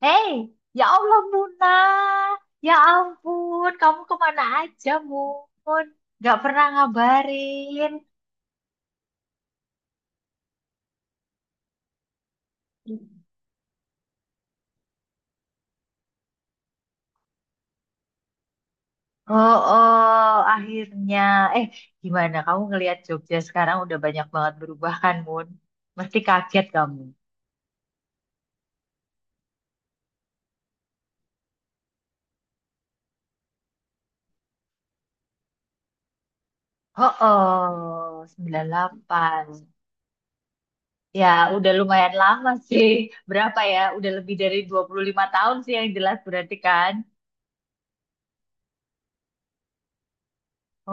Hei, ya Allah Muna, ya ampun, kamu kemana aja Mun? Gak pernah ngabarin. Oh, oh, akhirnya. Eh, gimana kamu ngelihat Jogja sekarang udah banyak banget berubah kan Mun? Mesti kaget kamu. Oh, oh, 98. Ya, udah lumayan lama sih. Berapa ya? Udah lebih dari 25 tahun sih yang jelas berarti kan?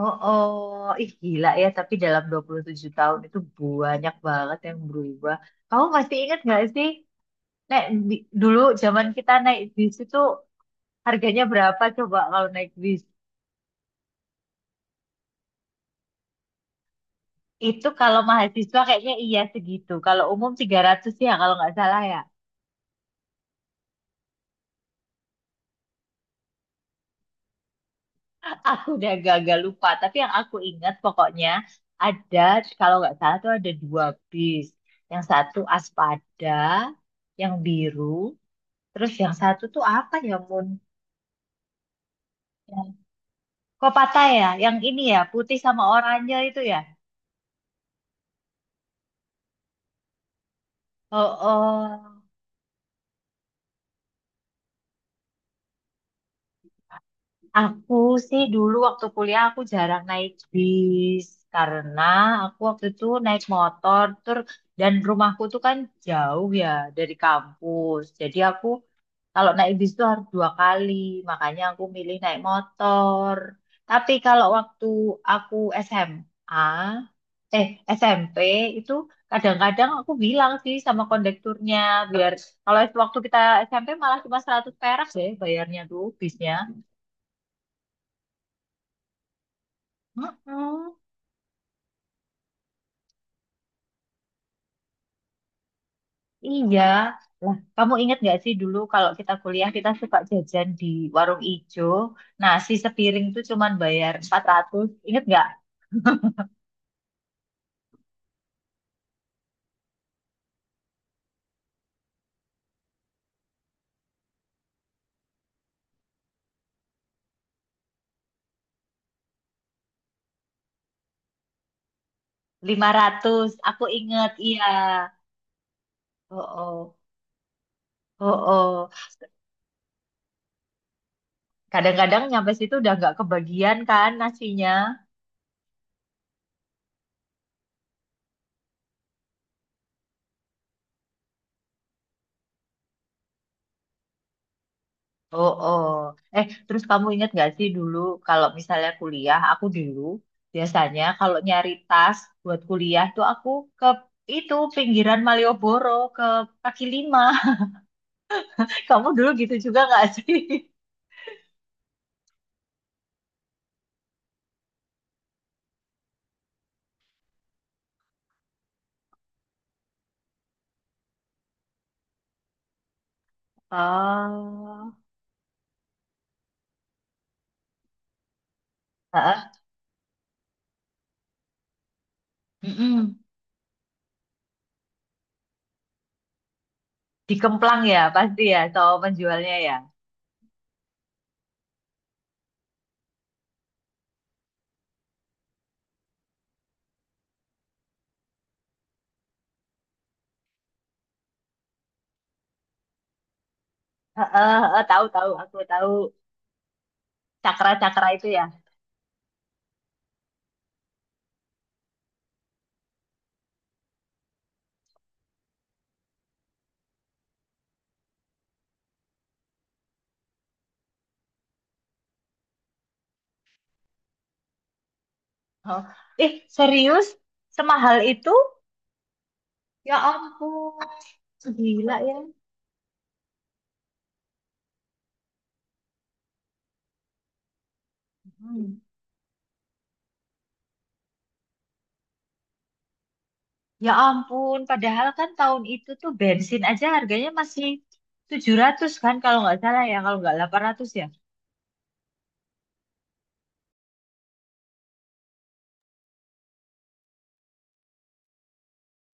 Oh, oh, ih gila ya, tapi dalam 27 tahun itu banyak banget yang berubah. Kamu masih ingat nggak sih, dulu zaman kita naik bis itu harganya berapa coba kalau naik bis? Itu kalau mahasiswa kayaknya iya segitu. Kalau umum 300 ya kalau nggak salah ya. Aku udah gagal lupa, tapi yang aku ingat pokoknya ada, kalau nggak salah tuh ada dua bis. Yang satu Aspada, yang biru, terus yang satu tuh apa ya, Mun? Kok patah ya? Yang ini ya, putih sama oranye itu ya. Oh, oh. Aku sih dulu waktu kuliah aku jarang naik bis karena aku waktu itu naik motor tur dan rumahku tuh kan jauh ya dari kampus. Jadi aku, kalau naik bis itu harus dua kali, makanya aku milih naik motor. Tapi kalau waktu aku SMA, eh SMP itu kadang-kadang aku bilang sih sama kondekturnya biar kalau waktu kita SMP malah cuma 100 perak deh bayarnya tuh bisnya. Mm-mm, iya. Lah, kamu ingat nggak sih dulu kalau kita kuliah kita suka jajan di warung ijo. Nasi sepiring tuh cuman bayar 400. Ingat nggak? 500 aku inget, iya. Oh, oh, oh, oh. Kadang-kadang nyampe situ udah nggak kebagian kan nasinya. Oh, oh. Eh, terus kamu inget nggak sih dulu kalau misalnya kuliah, aku dulu biasanya kalau nyari tas buat kuliah tuh aku ke itu pinggiran Malioboro ke kaki lima. Kamu dulu gitu juga nggak sih? Oh, heeh. Mm-mm. Di Kemplang ya pasti ya, so penjualnya ya. Heeh, heeh, tahu tahu aku tahu. Cakra-cakra itu ya. Oh. Eh, serius? Semahal itu? Ya ampun, gila ya. Hmm. Ya ampun, padahal kan tahun itu tuh bensin aja harganya masih 700 kan kalau nggak salah ya, kalau nggak 800 ya.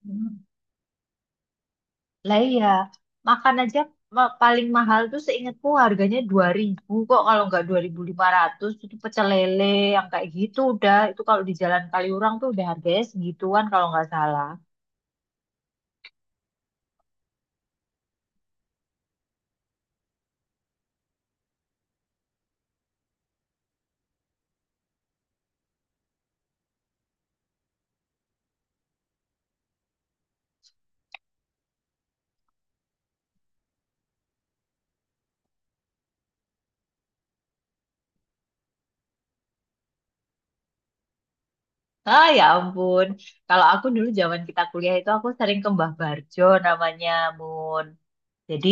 Hmm. Lah iya, makan aja paling mahal tuh seingatku harganya 2.000 kok kalau nggak 2.500 itu pecel lele yang kayak gitu udah. Itu kalau di Jalan Kaliurang tuh udah harganya segituan kalau nggak salah. Ah ya ampun. Kalau aku dulu zaman kita kuliah itu aku sering ke Mbah Barjo namanya Mun. Jadi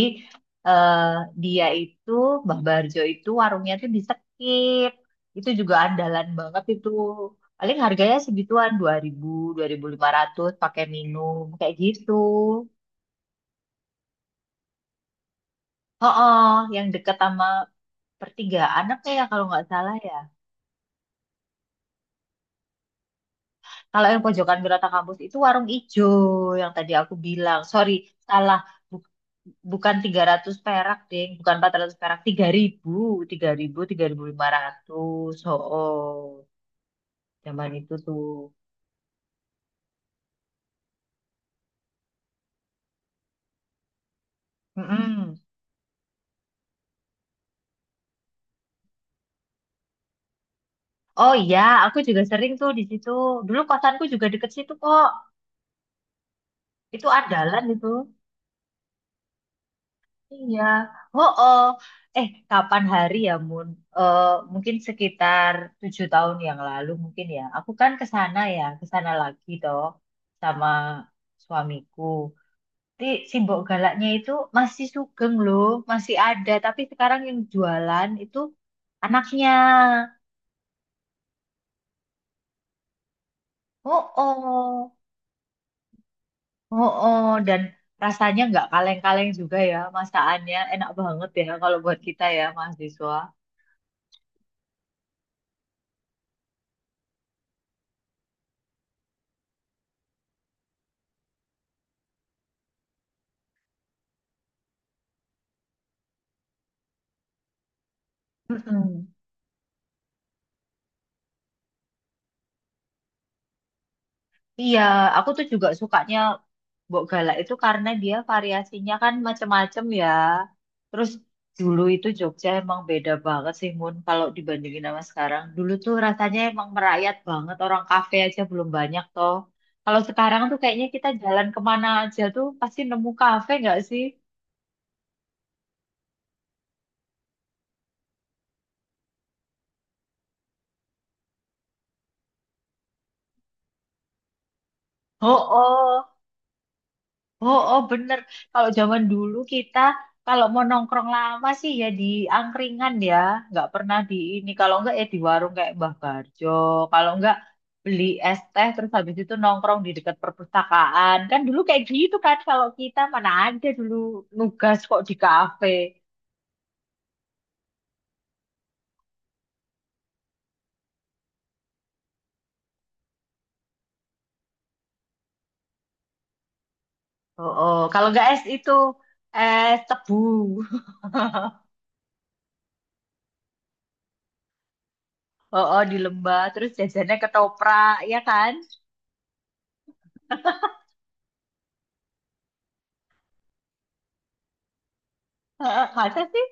eh, dia itu Mbah Barjo itu warungnya tuh di Sekip. Itu juga andalan banget itu. Paling harganya segituan 2.000, 2.500 pakai minum kayak gitu. Oh, yang deket sama pertigaan apa ya kalau nggak salah ya. Kalau yang pojokan Wirata Kampus itu warung ijo yang tadi aku bilang. Sorry, salah. Bu- Bukan 300 perak, Ding. Bukan 400 perak. Tiga tiga tiga ribu lima ratus. Oh, zaman itu tuh. Mm-mm. Oh iya, aku juga sering tuh di situ. Dulu kosanku juga deket situ kok. Itu andalan itu. Iya, oh, oh. Eh, kapan hari ya, Mun? Eh, mungkin sekitar 7 tahun yang lalu mungkin ya. Aku kan ke sana ya, ke sana lagi toh sama suamiku. Tapi si Mbok Galaknya itu masih sugeng loh, masih ada. Tapi sekarang yang jualan itu anaknya. Oh, oh, oh, oh. Dan rasanya nggak kaleng-kaleng juga ya, masakannya enak banget ya kalau buat kita ya mahasiswa. Mm-mm. Iya, aku tuh juga sukanya Mbok Galak itu karena dia variasinya kan macem-macem ya. Terus dulu itu Jogja emang beda banget sih Mun kalau dibandingin sama sekarang. Dulu tuh rasanya emang merayat banget, orang kafe aja belum banyak toh. Kalau sekarang tuh kayaknya kita jalan kemana aja tuh pasti nemu kafe nggak sih? Oh, oh. Oh, oh bener. Kalau zaman dulu kita kalau mau nongkrong lama sih ya di angkringan ya, nggak pernah di ini. Kalau nggak ya di warung kayak Mbah Barjo. Kalau nggak beli es teh terus habis itu nongkrong di dekat perpustakaan. Kan dulu kayak gitu kan kalau kita mana ada dulu nugas kok di kafe. Oh, oh. Kalau nggak es itu es tebu. Oh, oh di lembah terus jajannya ketoprak ya kan? Heeh, masa sih?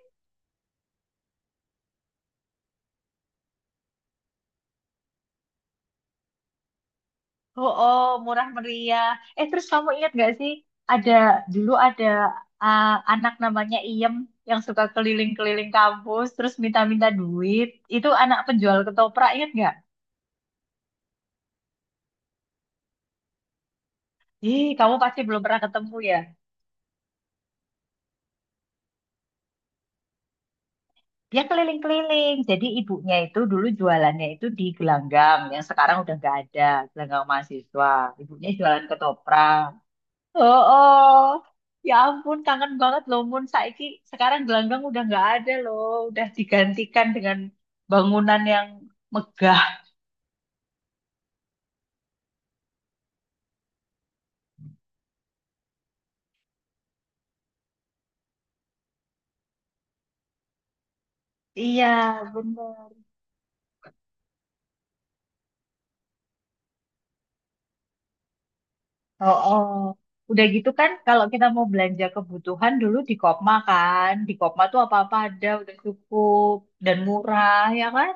Oh, oh, murah meriah. Eh, terus kamu ingat gak sih, ada dulu ada ah, anak namanya Iem yang suka keliling-keliling kampus, terus minta-minta duit. Itu anak penjual ketoprak, ingat gak? Ih, kamu pasti belum pernah ketemu ya. Dia keliling-keliling. Jadi ibunya itu dulu jualannya itu di gelanggang, yang sekarang udah nggak ada, gelanggang mahasiswa. Ibunya jualan ketoprak. Oh, oh. Ya ampun, kangen banget loh Mun. Saiki sekarang gelanggang udah nggak ada loh. Udah digantikan dengan bangunan yang megah. Iya, bener. Oh, oh. Udah gitu kan kalau kita mau belanja kebutuhan dulu di Kopma kan. Di Kopma tuh apa-apa ada, udah cukup dan murah, ya kan?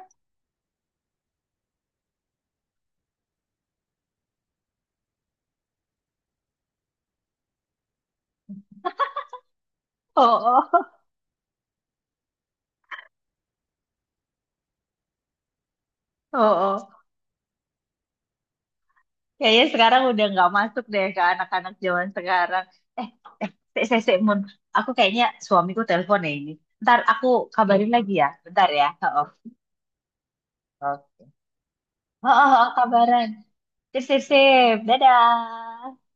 Oh, oh. Oh, oh. Kayaknya sekarang udah nggak masuk deh ke anak-anak zaman sekarang. Eh, eh, sik, sik, sik, Mun. Aku kayaknya suamiku telepon ya ini. Ntar aku kabarin lagi ya. Bentar ya. Oh, oh, oh, oh, oh, kabaran. Sip, sip, sip. Dadah.